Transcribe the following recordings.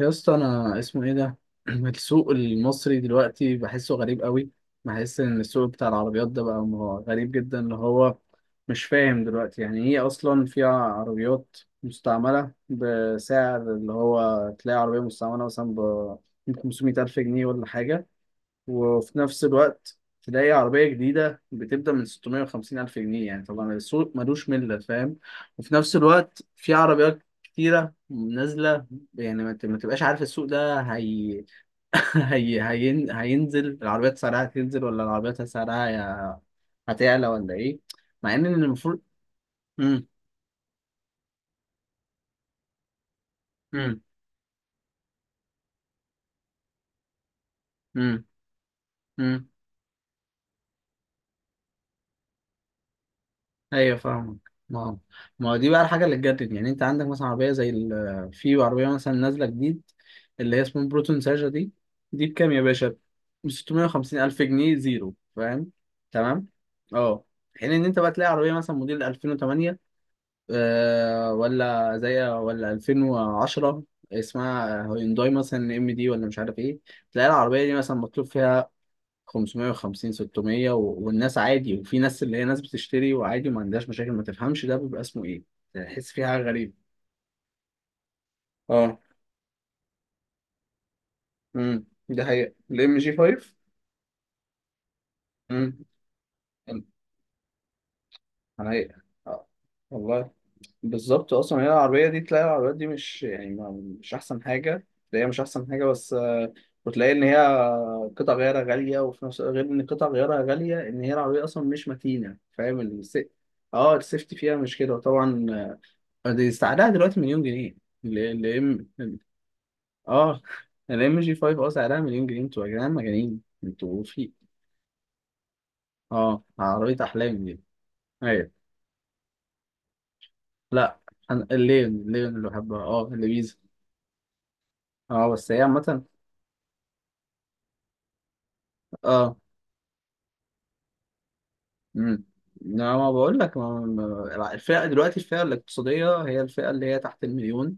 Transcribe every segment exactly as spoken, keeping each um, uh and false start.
يا اسطى انا اسمه ايه ده السوق المصري دلوقتي بحسه غريب قوي. بحس ان السوق بتاع العربيات ده بقى مه- غريب جدا اللي هو مش فاهم دلوقتي يعني ايه اصلا. فيها عربيات مستعملة بسعر، اللي هو تلاقي عربية مستعملة مثلا ب خمسمية ألف جنيه ولا حاجة، وفي نفس الوقت تلاقي عربية جديدة بتبدأ من ست مئة وخمسين ألف جنيه. يعني طبعا السوق ملوش ملة، فاهم؟ وفي نفس الوقت في عربيات كتيرة نازلة، يعني ما ت- ما تبقاش عارف السوق ده هي... هي... هين... هينزل العربيات، سعرها هتنزل؟ ولا العربيات سعرها هي... هتعلى ولا إيه؟ مع إن المفروض مم. مم. مم. مم. ايوه فاهمك. ما ما هو دي بقى الحاجه اللي تجدد، يعني انت عندك مثلا عربيه زي ال... في عربيه مثلا نازله جديد اللي هي اسمها بروتون ساجا دي، دي بكام يا باشا؟ ب ستمية وخمسين الف جنيه زيرو، فاهم؟ تمام. اه. حين ان انت بقى تلاقي عربيه مثلا موديل ألفين وثمانية، آه، ولا زي ولا ألفين وعشرة، اسمها هيونداي مثلا ام دي ولا مش عارف ايه، تلاقي العربيه دي مثلا مطلوب فيها خمس مئة وخمسين ستمية و... والناس عادي، وفي ناس اللي هي ناس بتشتري وعادي وما عندهاش مشاكل، ما تفهمش ده بيبقى اسمه ايه. تحس فيها حاجة غريبة. اه. امم ده حقيقة الام جي خمسة. امم. حقيقة آه. والله بالظبط، اصلا هي العربية دي، تلاقي العربيات دي مش يعني ما... مش احسن حاجة تلاقيها، مش احسن حاجة، بس آه، وتلاقي ان هي قطع غيارها غالية، وفي نفس، غير ان قطع غيارها غالية، ان هي العربية اصلا مش متينة، فاهم؟ الس... اه السيفتي فيها مش كده، وطبعا دي سعرها دلوقتي مليون جنيه. ال ال ام، اه ال ام جي خمسة، اه سعرها مليون جنيه، انتوا يا جدعان مجانين انتوا. في اه عربية احلام دي. ايوه. لا انا الليون الليون اللي بحبها، اه اللي بيزا. اه بس هي عامة. اه. امم. لا ما بقول لك، ما ما- الفئة دلوقتي، الفئة الاقتصادية هي الفئة اللي هي تحت المليون،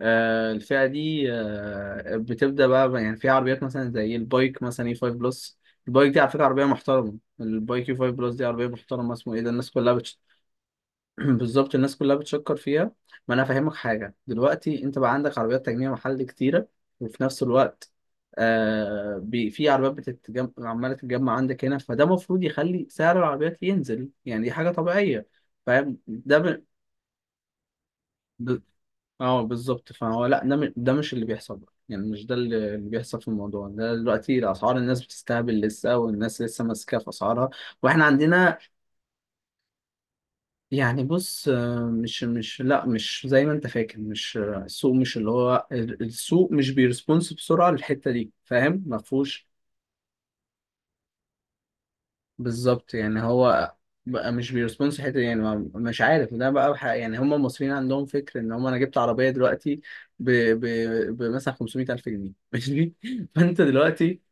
آه، الفئة دي آه، بتبدأ بقى يعني في عربيات مثلا زي البايك مثلا اي خمسة بلس، البايك دي على فكرة عربية محترمة، البايك اي خمسة بلس دي عربية محترمة، اسمه ايه ده الناس كلها بالظبط الناس كلها بتشكر فيها. ما انا فاهمك حاجه، دلوقتي انت بقى عندك عربيات تجميع محلي كتيره، وفي نفس الوقت آه، بي في عربيات بتتجمع، عماله تتجمع عندك هنا، فده المفروض يخلي سعر العربيات ينزل، يعني دي حاجه طبيعيه، فاهم؟ ده ب... ب... اه بالظبط، فهو لا ده، م... ده مش اللي بيحصل بقى. يعني مش ده اللي اللي بيحصل في الموضوع ده. دلوقتي الاسعار، الناس بتستهبل لسه، والناس لسه ماسكه في اسعارها، واحنا عندنا يعني، بص آه، مش مش لا مش زي ما انت فاكر، مش آه، السوق مش اللي هو ال- السوق مش بيرسبونس بسرعة للحتة دي، فاهم؟ ما فيهوش. بالظبط، يعني هو بقى مش بيرسبونس الحتة دي، يعني ما- مش عارف ده بقى ح- يعني هم المصريين عندهم فكر ان هم انا جبت عربية دلوقتي ب ب بمثلا خمسمائة ألف جنيه ماشي. فانت دلوقتي،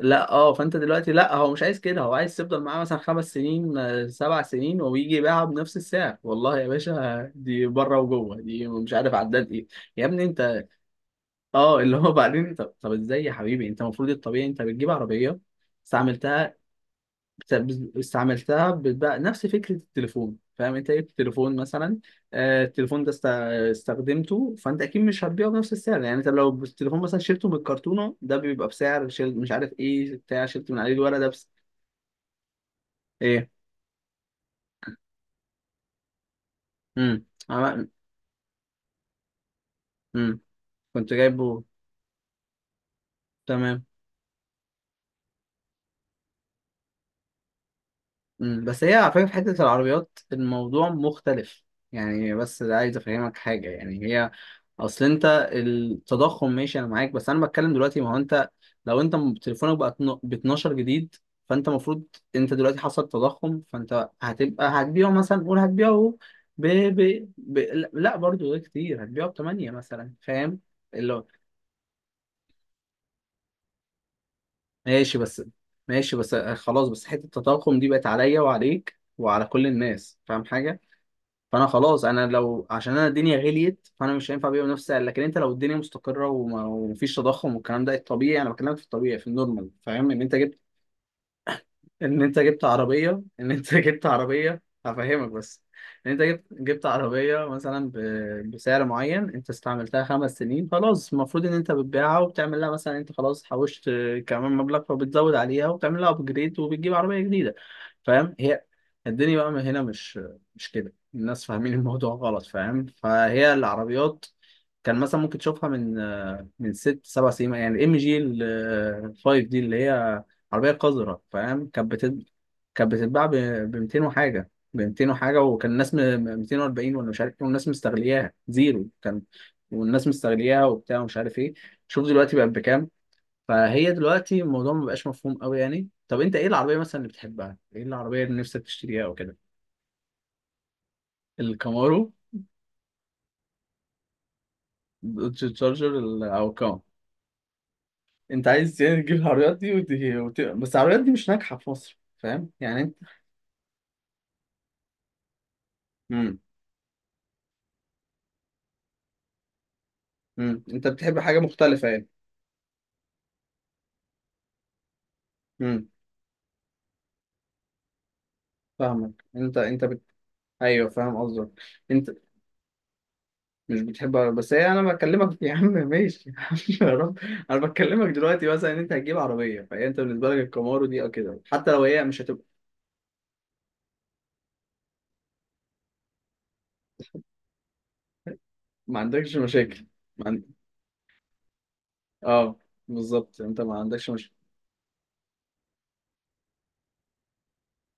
لا، اه، فانت دلوقتي لا هو مش عايز كده، هو عايز تفضل معاه مثلا خمس سنين، آه، سبع سنين، ويجي يبيعها بنفس السعر. والله يا باشا دي بره وجوه، دي مش عارف عداد ايه. يا ابني انت، اه اللي هو بعدين، طب, طب ازاي يا حبيبي؟ انت المفروض الطبيعي، انت بتجيب عربيه استعملتها، بت- استعملتها، بتبقى نفس فكره التليفون، فاهم؟ انت جبت تليفون مثلا، آه، التليفون ده است- استخدمته، فانت اكيد مش هتبيعه بنفس السعر. يعني انت لو التليفون مثلا شلته من الكرتونه، ده بيبقى بسعر، شل مش عارف ايه بتاع شلت من عليه الورق ده. ايه. امم. عم... امم. كنت جايبه. تمام. امم، بس هي على فكره في حته العربيات الموضوع مختلف، يعني بس عايز افهمك حاجه، يعني هي اصل انت، التضخم ماشي انا معاك، بس انا بتكلم دلوقتي، ما هو انت لو انت م- تليفونك بقى ب اتناشر جديد، فانت المفروض، انت دلوقتي حصل تضخم، فانت هتبقى هتبيعه مثلا، قول هتبيعه ب... ب... ب... لا برضو ده كتير، هتبيعه ب تمانية مثلا، فاهم؟ ماشي بس، ماشي بس آه، خلاص، بس حتة التضخم دي بقت عليا وعليك وعلى كل الناس، فاهم حاجة؟ فأنا خلاص، أنا لو عشان أنا الدنيا غليت، فأنا مش هينفع أبيع بنفس السعر. لكن أنت لو الدنيا مستقرة وما- ومفيش تضخم والكلام ده، الطبيعي، أنا بكلمك في الطبيعي في النورمال، فاهم؟ إن أنت جبت، ان انت جبت عربيه، ان انت جبت عربيه، هفهمك بس. ان انت جبت جبت عربيه مثلا ب- بسعر معين، انت استعملتها خمس سنين، خلاص المفروض ان انت بتبيعها، وبتعمل لها مثلا، انت خلاص حوشت كمان مبلغ، فبتزود عليها، وبتعمل لها ابجريد، وبتجيب عربيه جديده، فاهم؟ هي الدنيا بقى من هنا، مش مش كده. الناس فاهمين الموضوع غلط، فاهم؟ فهي العربيات كان مثلا ممكن تشوفها من من ست سبع سنين، يعني الام جي ال خمسة دي، اللي هي عربية قذرة، فاهم؟ كانت بتت... كانت بتتباع ب ب ميتين وحاجة، ب ميتين وحاجة، وكان الناس م... م- ميتين واربعين ولا مش عارف ايه، والناس مستغلياها زيرو، كان والناس مستغلياها وبتاع ومش عارف ايه، شوف دلوقتي بقت بكام. فهي دلوقتي الموضوع ما بقاش مفهوم قوي. يعني طب انت ايه العربية مثلا اللي بتحبها؟ ايه العربية اللي نفسك تشتريها او كده؟ الكامارو، الدوج تشارجر، ال- او كام. انت عايز يعني تجيب العربيات دي وت... وت... بس العربيات دي مش ناجحة في مصر، فاهم؟ يعني انت. امم. امم، انت بتحب حاجة مختلفة، يعني. فاهمك انت انت بت... ايوه فاهم قصدك. انت مش بتحب عربية، بس هي انا بكلمك، يا عم ماشي يا عم، يا رب. انا بكلمك دلوقتي مثلا ان انت هتجيب عربيه، فهي انت بالنسبه لك الكامارو دي او كده، حتى لو هي مش هتبقى، ما عندكش مشاكل. ما عند... اه بالظبط انت ما عندكش مشاكل.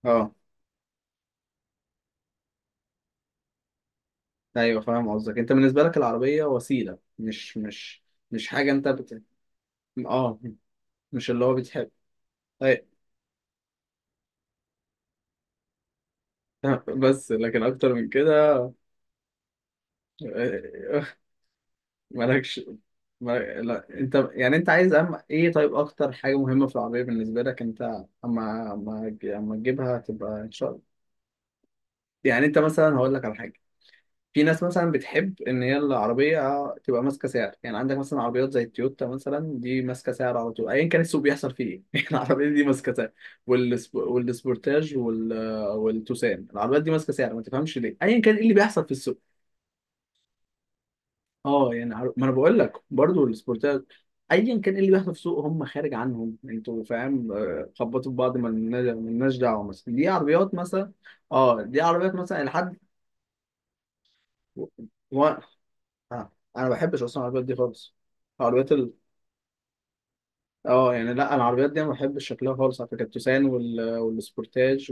اه. ايوه فاهم قصدك، انت بالنسبه لك العربيه وسيله، مش مش مش حاجه، انت بت... اه مش اللي هو بتحب. أي... بس لكن اكتر من كده. مالكش. مالك... لا انت يعني انت عايز، أم... ايه طيب اكتر حاجه مهمه في العربيه بالنسبه لك انت، اما اما اما تجيبها تبقى ان شاء الله. يعني انت مثلا هقول لك على حاجه، في ناس مثلا بتحب ان هي العربيه تبقى ماسكه سعر، يعني عندك مثلا عربيات زي التويوتا مثلا، دي ماسكه سعر على طول، ايا كان السوق بيحصل فيه ايه يعني العربيه دي ماسكه سعر، والسب... والسبورتاج، وال... والتوسان، العربيات دي ماسكه سعر، ما تفهمش ليه، ايا كان ايه اللي بيحصل في السوق. اه يعني عر- ما انا بقول لك برضو السبورتات، ايا كان إيه اللي بيحصل في السوق هم خارج عنهم انتوا، فاهم؟ آه، خبطوا في بعض، ما لنا- ما لناش دعوه، مثلا دي عربيات مثلا، اه دي عربيات مثلا لحد و... و... آه. انا ما بحبش اصلا العربيات دي خالص، عربيات ال... اه يعني لا العربيات دي انا ما بحبش شكلها خالص على فكره، التوسان وال... والسبورتاج.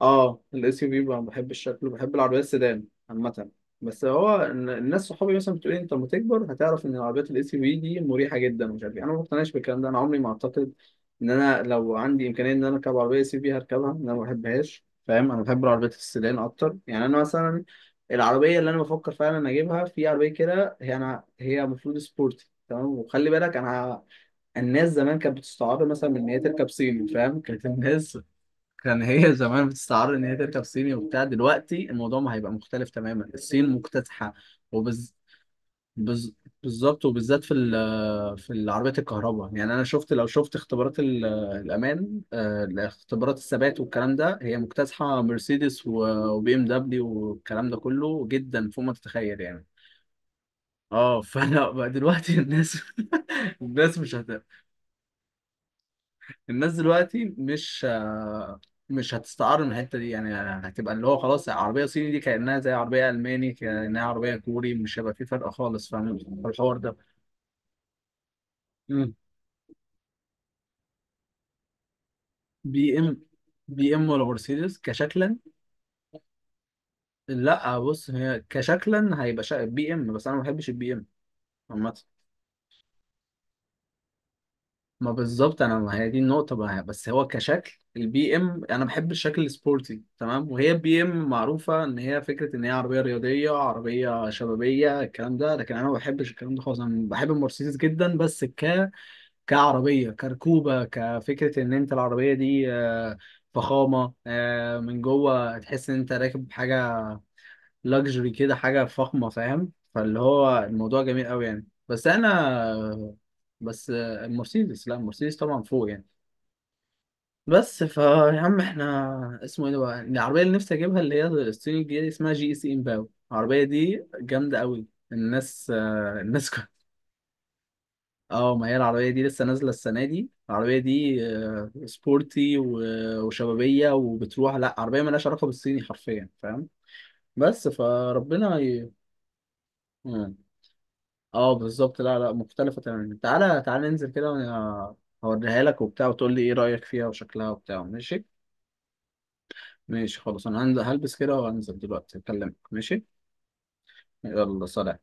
اه الاس يو في ما بحبش شكله، بحب الشكل، وبحب العربيات السيدان عامة. بس هو ال- الناس صحابي مثلا بتقول لي، انت لما تكبر هتعرف ان العربيات الاس يو في دي مريحة جدا ومش عارف ايه، انا ما بقتنعش بالكلام ده. انا عمري ما اعتقد ان انا لو عندي امكانية ان انا اركب عربية اس يو في هركبها، إن انا ما بحبهاش، فاهم؟ انا بحب العربيات السيدان اكتر. يعني انا مثلا العربية اللي انا بفكر فعلا اجيبها في عربية كده، هي انا هي المفروض سبورتي تمام، وخلي بالك انا، الناس زمان كانت بتستعار مثلا من ان هي تركب صيني، فاهم؟ كانت الناس كان هي زمان بتستعر ان هي تركب صيني وبتاع، دلوقتي الموضوع ما هيبقى مختلف تماما، الصين مكتسحه، وبز... بز... بالظبط وبالذات في ال- في العربيات الكهرباء. يعني انا شفت، لو شفت اختبارات ال- الامان، آه، اختبارات الثبات والكلام ده، هي مكتسحه مرسيدس وبي ام دبليو والكلام ده كله، جدا فوق ما تتخيل، يعني. اه فانا بقى دلوقتي الناس الناس مش هت... الناس دلوقتي مش آه، مش هتستعار من الحته دي، يعني هتبقى اللي هو خلاص عربيه صيني دي كانها زي عربيه الماني، كانها عربيه كوري، مش هيبقى في فرق خالص، فاهم في الحوار ده؟ مم. بي ام. بي ام ولا مرسيدس كشكلا؟ لا بص، هي كشكلا هيبقى شا... بي ام، بس انا ما بحبش البي ام عامه. ما بالظبط انا، ما هي دي النقطه بقى، بس هو كشكل البي ام انا بحب الشكل السبورتي تمام، وهي البي ام معروفه ان هي فكره ان هي عربيه رياضيه، عربيه شبابيه، الكلام ده. لكن انا ما بحبش الكلام ده خالص. انا بحب المرسيدس جدا، بس ك كعربيه، كركوبه، كفكره ان انت العربيه دي آه، فخامه آه، من جوه تحس ان انت راكب حاجه لاكجري كده، حاجه فخمه، فاهم؟ فاللي هو الموضوع جميل قوي يعني، بس انا، بس المرسيدس، لا المرسيدس طبعا فوق يعني. بس فا يا عم احنا اسمه ايه ده بقى، العربية اللي نفسي اجيبها، اللي هي الصيني الجديدة دي، اسمها جي اي سي امباو، العربية دي جامدة قوي. الناس آه، الناس كن- اه ما هي العربية دي لسه نازلة السنة دي، العربية دي آه، سبورتي و- وشبابية وبتروح، لا عربية مالهاش علاقة بالصيني حرفيا، فاهم؟ بس فربنا ي... مم. اه بالظبط، لا لا مختلفة تماما. تعالى تعالى ننزل كده، وانا هوريها لك وبتاع، وتقول لي ايه رأيك فيها وشكلها وبتاع، ماشي؟ ماشي خلاص، انا هن- هلبس كده وهنزل دلوقتي اكلمك، ماشي؟ يلا سلام.